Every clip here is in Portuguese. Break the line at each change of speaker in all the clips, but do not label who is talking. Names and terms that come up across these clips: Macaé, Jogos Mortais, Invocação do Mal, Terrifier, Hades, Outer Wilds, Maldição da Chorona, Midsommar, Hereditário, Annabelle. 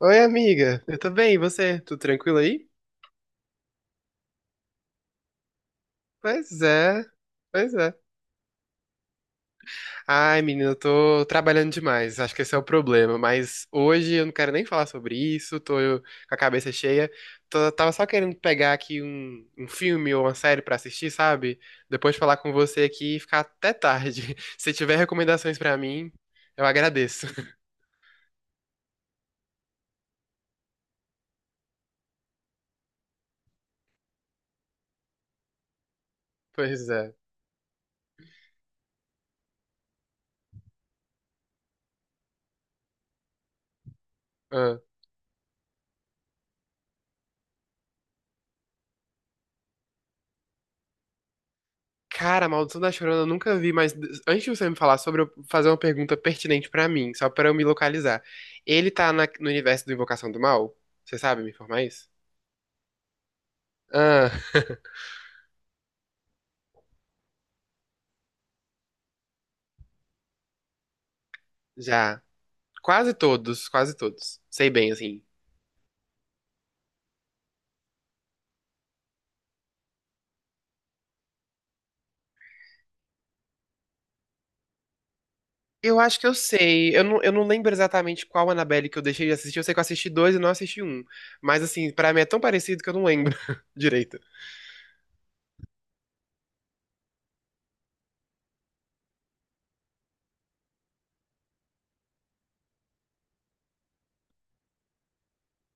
Oi, amiga. Eu tô bem, e você? Tudo tranquilo aí? Pois é. Pois é. Ai, menina, eu tô trabalhando demais. Acho que esse é o problema. Mas hoje eu não quero nem falar sobre isso. Tô com a cabeça cheia. Tava só querendo pegar aqui um filme ou uma série pra assistir, sabe? Depois de falar com você aqui e ficar até tarde. Se tiver recomendações pra mim, eu agradeço. Pois é. Cara, a Maldição da Chorona eu nunca vi, mas antes de você me falar sobre, eu fazer uma pergunta pertinente pra mim, só pra eu me localizar. Ele tá no universo do Invocação do Mal? Você sabe me informar isso? Ah, já. Quase todos, quase todos. Sei bem, assim. Eu acho que eu sei. Eu não lembro exatamente qual Annabelle que eu deixei de assistir. Eu sei que eu assisti dois e não assisti um. Mas, assim, pra mim é tão parecido que eu não lembro direito.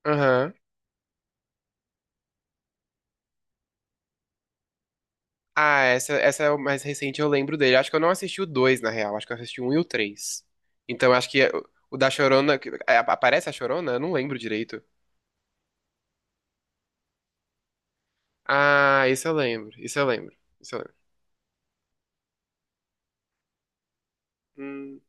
Aham. Ah, essa é o mais recente, eu lembro dele. Acho que eu não assisti o dois, na real. Acho que eu assisti o um e o três. Então, acho que o da Chorona. É, aparece a Chorona? Eu não lembro direito. Ah, isso eu lembro. Isso eu lembro. Isso eu lembro. Hum.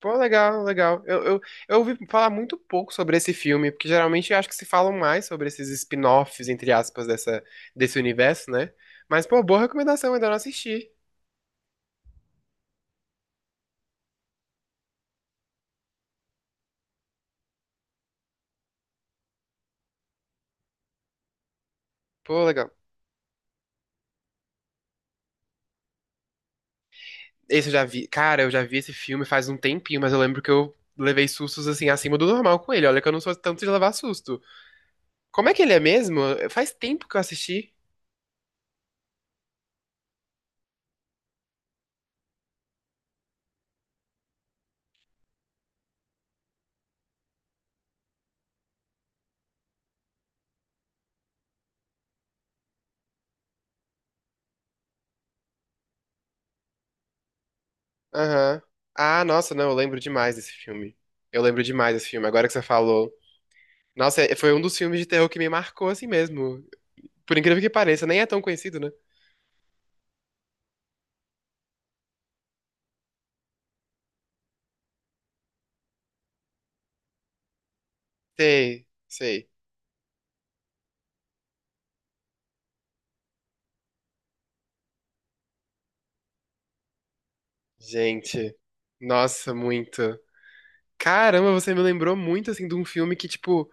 Pô, legal, legal. Eu ouvi falar muito pouco sobre esse filme, porque geralmente eu acho que se falam mais sobre esses spin-offs, entre aspas, dessa, desse universo, né? Mas, pô, boa recomendação, ainda não assisti. Pô, legal. Esse eu já vi. Cara, eu já vi esse filme faz um tempinho, mas eu lembro que eu levei sustos, assim, acima do normal com ele. Olha que eu não sou tanto de levar susto. Como é que ele é mesmo? Faz tempo que eu assisti. Aham. Ah, nossa, não, eu lembro demais desse filme. Eu lembro demais desse filme, agora que você falou. Nossa, foi um dos filmes de terror que me marcou assim mesmo. Por incrível que pareça, nem é tão conhecido, né? Sei, sei. Gente, nossa, muito. Caramba, você me lembrou muito, assim, de um filme que, tipo,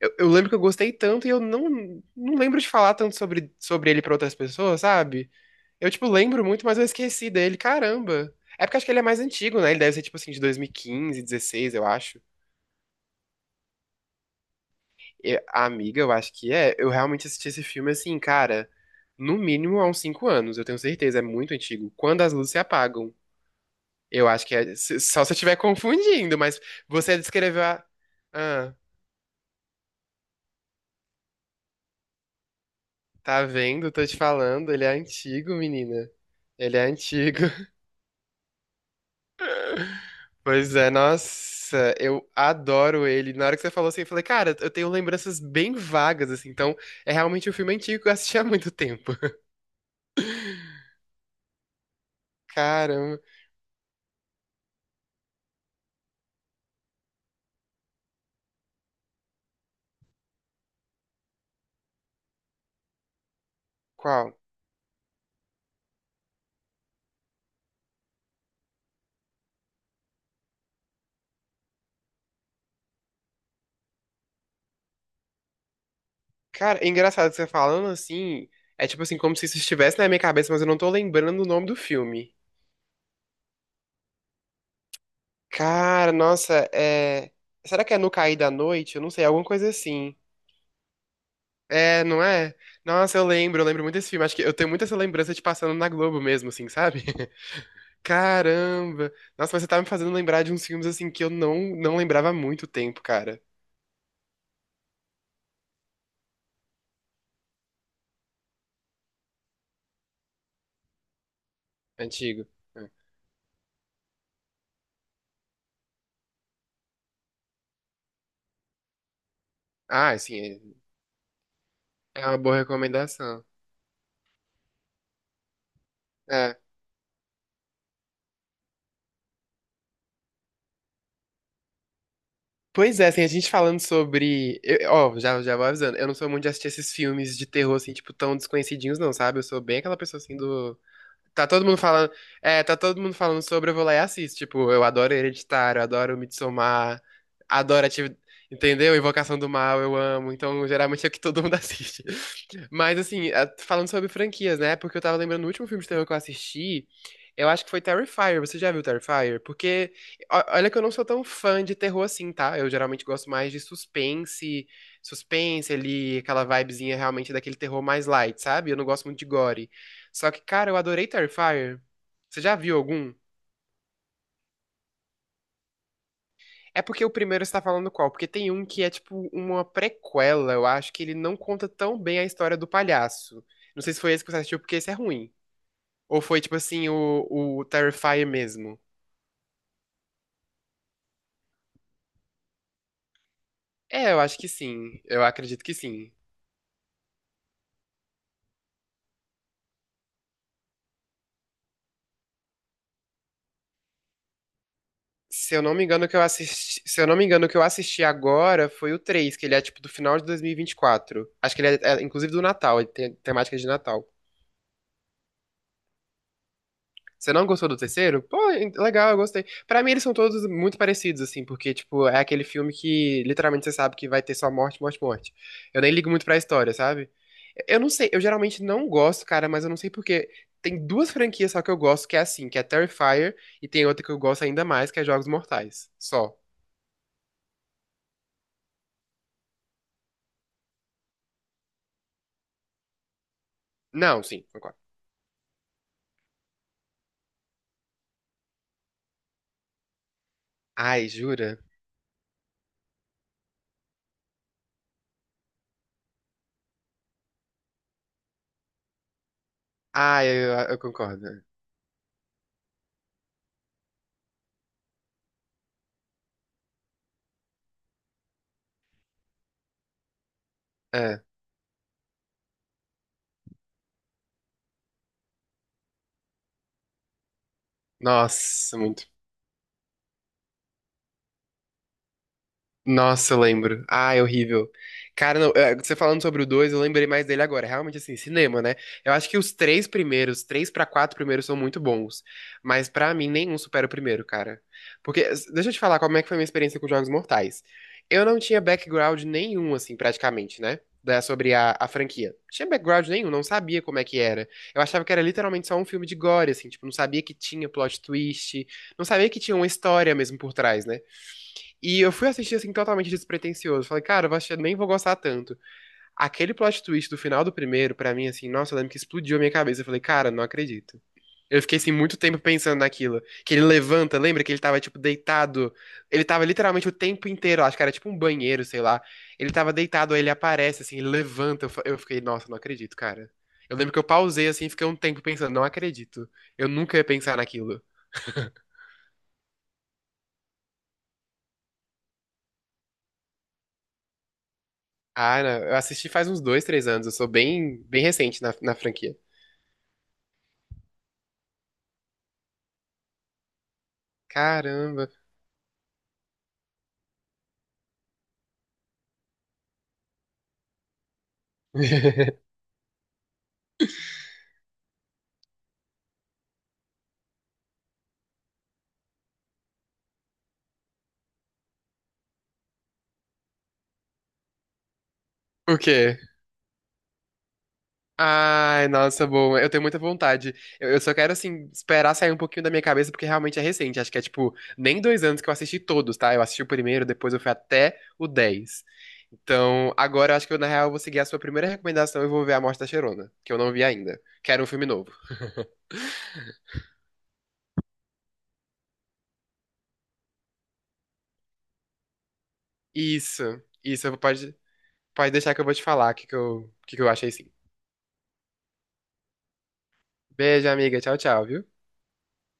eu lembro que eu gostei tanto e eu não, não lembro de falar tanto sobre ele pra outras pessoas, sabe? Eu, tipo, lembro muito, mas eu esqueci dele. Caramba. É porque acho que ele é mais antigo, né? Ele deve ser, tipo, assim, de 2015, 16, eu acho. E a amiga, eu acho que é. Eu realmente assisti esse filme, assim, cara, no mínimo há uns 5 anos, eu tenho certeza. É muito antigo. Quando as luzes se apagam. Eu acho que é. Só se eu estiver confundindo, mas você descreveu a. Ah, tá vendo? Tô te falando. Ele é antigo, menina. Ele é antigo. Pois é, nossa, eu adoro ele. Na hora que você falou assim, eu falei, cara, eu tenho lembranças bem vagas, assim. Então, é realmente um filme antigo que eu assisti há muito tempo. Caramba. Qual? Cara, é engraçado você falando assim. É tipo assim, como se isso estivesse na minha cabeça, mas eu não tô lembrando o nome do filme. Cara, nossa, é. Será que é No Cair da Noite? Eu não sei, alguma coisa assim. É, não é? Nossa, eu lembro muito desse filme. Acho que eu tenho muita essa lembrança de passando na Globo mesmo, assim, sabe? Caramba! Nossa, mas você tá me fazendo lembrar de uns filmes, assim, que eu não, não lembrava há muito tempo, cara. Antigo. É. Ah, assim, é uma boa recomendação. É. Pois é, assim, a gente falando sobre. Ó, já vou avisando. Eu não sou muito de assistir esses filmes de terror, assim, tipo, tão desconhecidinhos, não, sabe? Eu sou bem aquela pessoa, assim, do. Tá todo mundo falando, é, tá todo mundo falando sobre, eu vou lá e assisto. Tipo, eu adoro Hereditário, adoro Midsommar, adoro atividade, entendeu? Invocação do Mal, eu amo. Então, geralmente é o que todo mundo assiste. Mas, assim, falando sobre franquias, né? Porque eu tava lembrando do último filme de terror que eu assisti, eu acho que foi Terrifier. Você já viu Terrifier? Porque, olha que eu não sou tão fã de terror assim, tá? Eu geralmente gosto mais de suspense ali, aquela vibezinha realmente daquele terror mais light, sabe? Eu não gosto muito de gore. Só que, cara, eu adorei Terrifier. Você já viu algum? É porque o primeiro você tá falando qual? Porque tem um que é tipo uma prequela, eu acho que ele não conta tão bem a história do palhaço. Não sei se foi esse que você assistiu, porque esse é ruim. Ou foi tipo assim, o Terrifier mesmo. É, eu acho que sim. Eu acredito que sim. Se eu não me engano, o que eu assisti, se eu não me engano, o que eu assisti agora foi o 3 que ele é tipo do final de 2024. Acho que ele é, inclusive do Natal, ele tem temática de Natal. Você não gostou do terceiro? Pô, legal, eu gostei. Pra mim, eles são todos muito parecidos, assim, porque, tipo, é aquele filme que literalmente você sabe que vai ter só morte, morte, morte. Eu nem ligo muito pra história, sabe? Eu não sei, eu geralmente não gosto, cara, mas eu não sei porque. Tem duas franquias só que eu gosto, que é assim, que é Terrifier, e tem outra que eu gosto ainda mais, que é Jogos Mortais. Só. Não, sim, concordo. Ai, jura? Ai, eu concordo. É. Nossa, muito. Nossa, eu lembro. Ah, é horrível. Cara, não, eh, você falando sobre o 2, eu lembrei mais dele agora. Realmente, assim, cinema, né? Eu acho que os três primeiros, três pra quatro primeiros são muito bons. Mas pra mim, nenhum supera o primeiro, cara. Porque, deixa eu te falar como é que foi a minha experiência com Jogos Mortais. Eu não tinha background nenhum, assim, praticamente, né? Da, sobre a franquia. Não tinha background nenhum, não sabia como é que era. Eu achava que era literalmente só um filme de gore, assim, tipo, não sabia que tinha plot twist, não sabia que tinha uma história mesmo por trás, né? E eu fui assistir assim totalmente despretensioso. Falei, cara, eu vou assistir, nem vou gostar tanto. Aquele plot twist do final do primeiro, pra mim, assim, nossa, eu lembro que explodiu a minha cabeça. Eu falei, cara, não acredito. Eu fiquei assim muito tempo pensando naquilo. Que ele levanta, lembra que ele tava, tipo, deitado. Ele tava literalmente o tempo inteiro, acho que era tipo um banheiro, sei lá. Ele tava deitado, aí ele aparece, assim, ele levanta. Eu fiquei, nossa, não acredito, cara. Eu lembro que eu pausei assim, fiquei um tempo pensando, não acredito. Eu nunca ia pensar naquilo. Ah, não, eu assisti faz uns 2, 3 anos. Eu sou bem, bem recente na franquia. Caramba. O quê? Ai, nossa, bom. Eu tenho muita vontade. Eu só quero, assim, esperar sair um pouquinho da minha cabeça, porque realmente é recente. Acho que é, tipo, nem 2 anos que eu assisti todos, tá? Eu assisti o primeiro, depois eu fui até o 10. Então, agora eu acho que eu, na real, vou seguir a sua primeira recomendação e vou ver A Morte da Cheirona, que eu não vi ainda. Quero um filme novo. Isso, isso. Pode, pode deixar que eu vou te falar o que, que eu achei, sim. Beijo, amiga. Tchau, tchau, viu?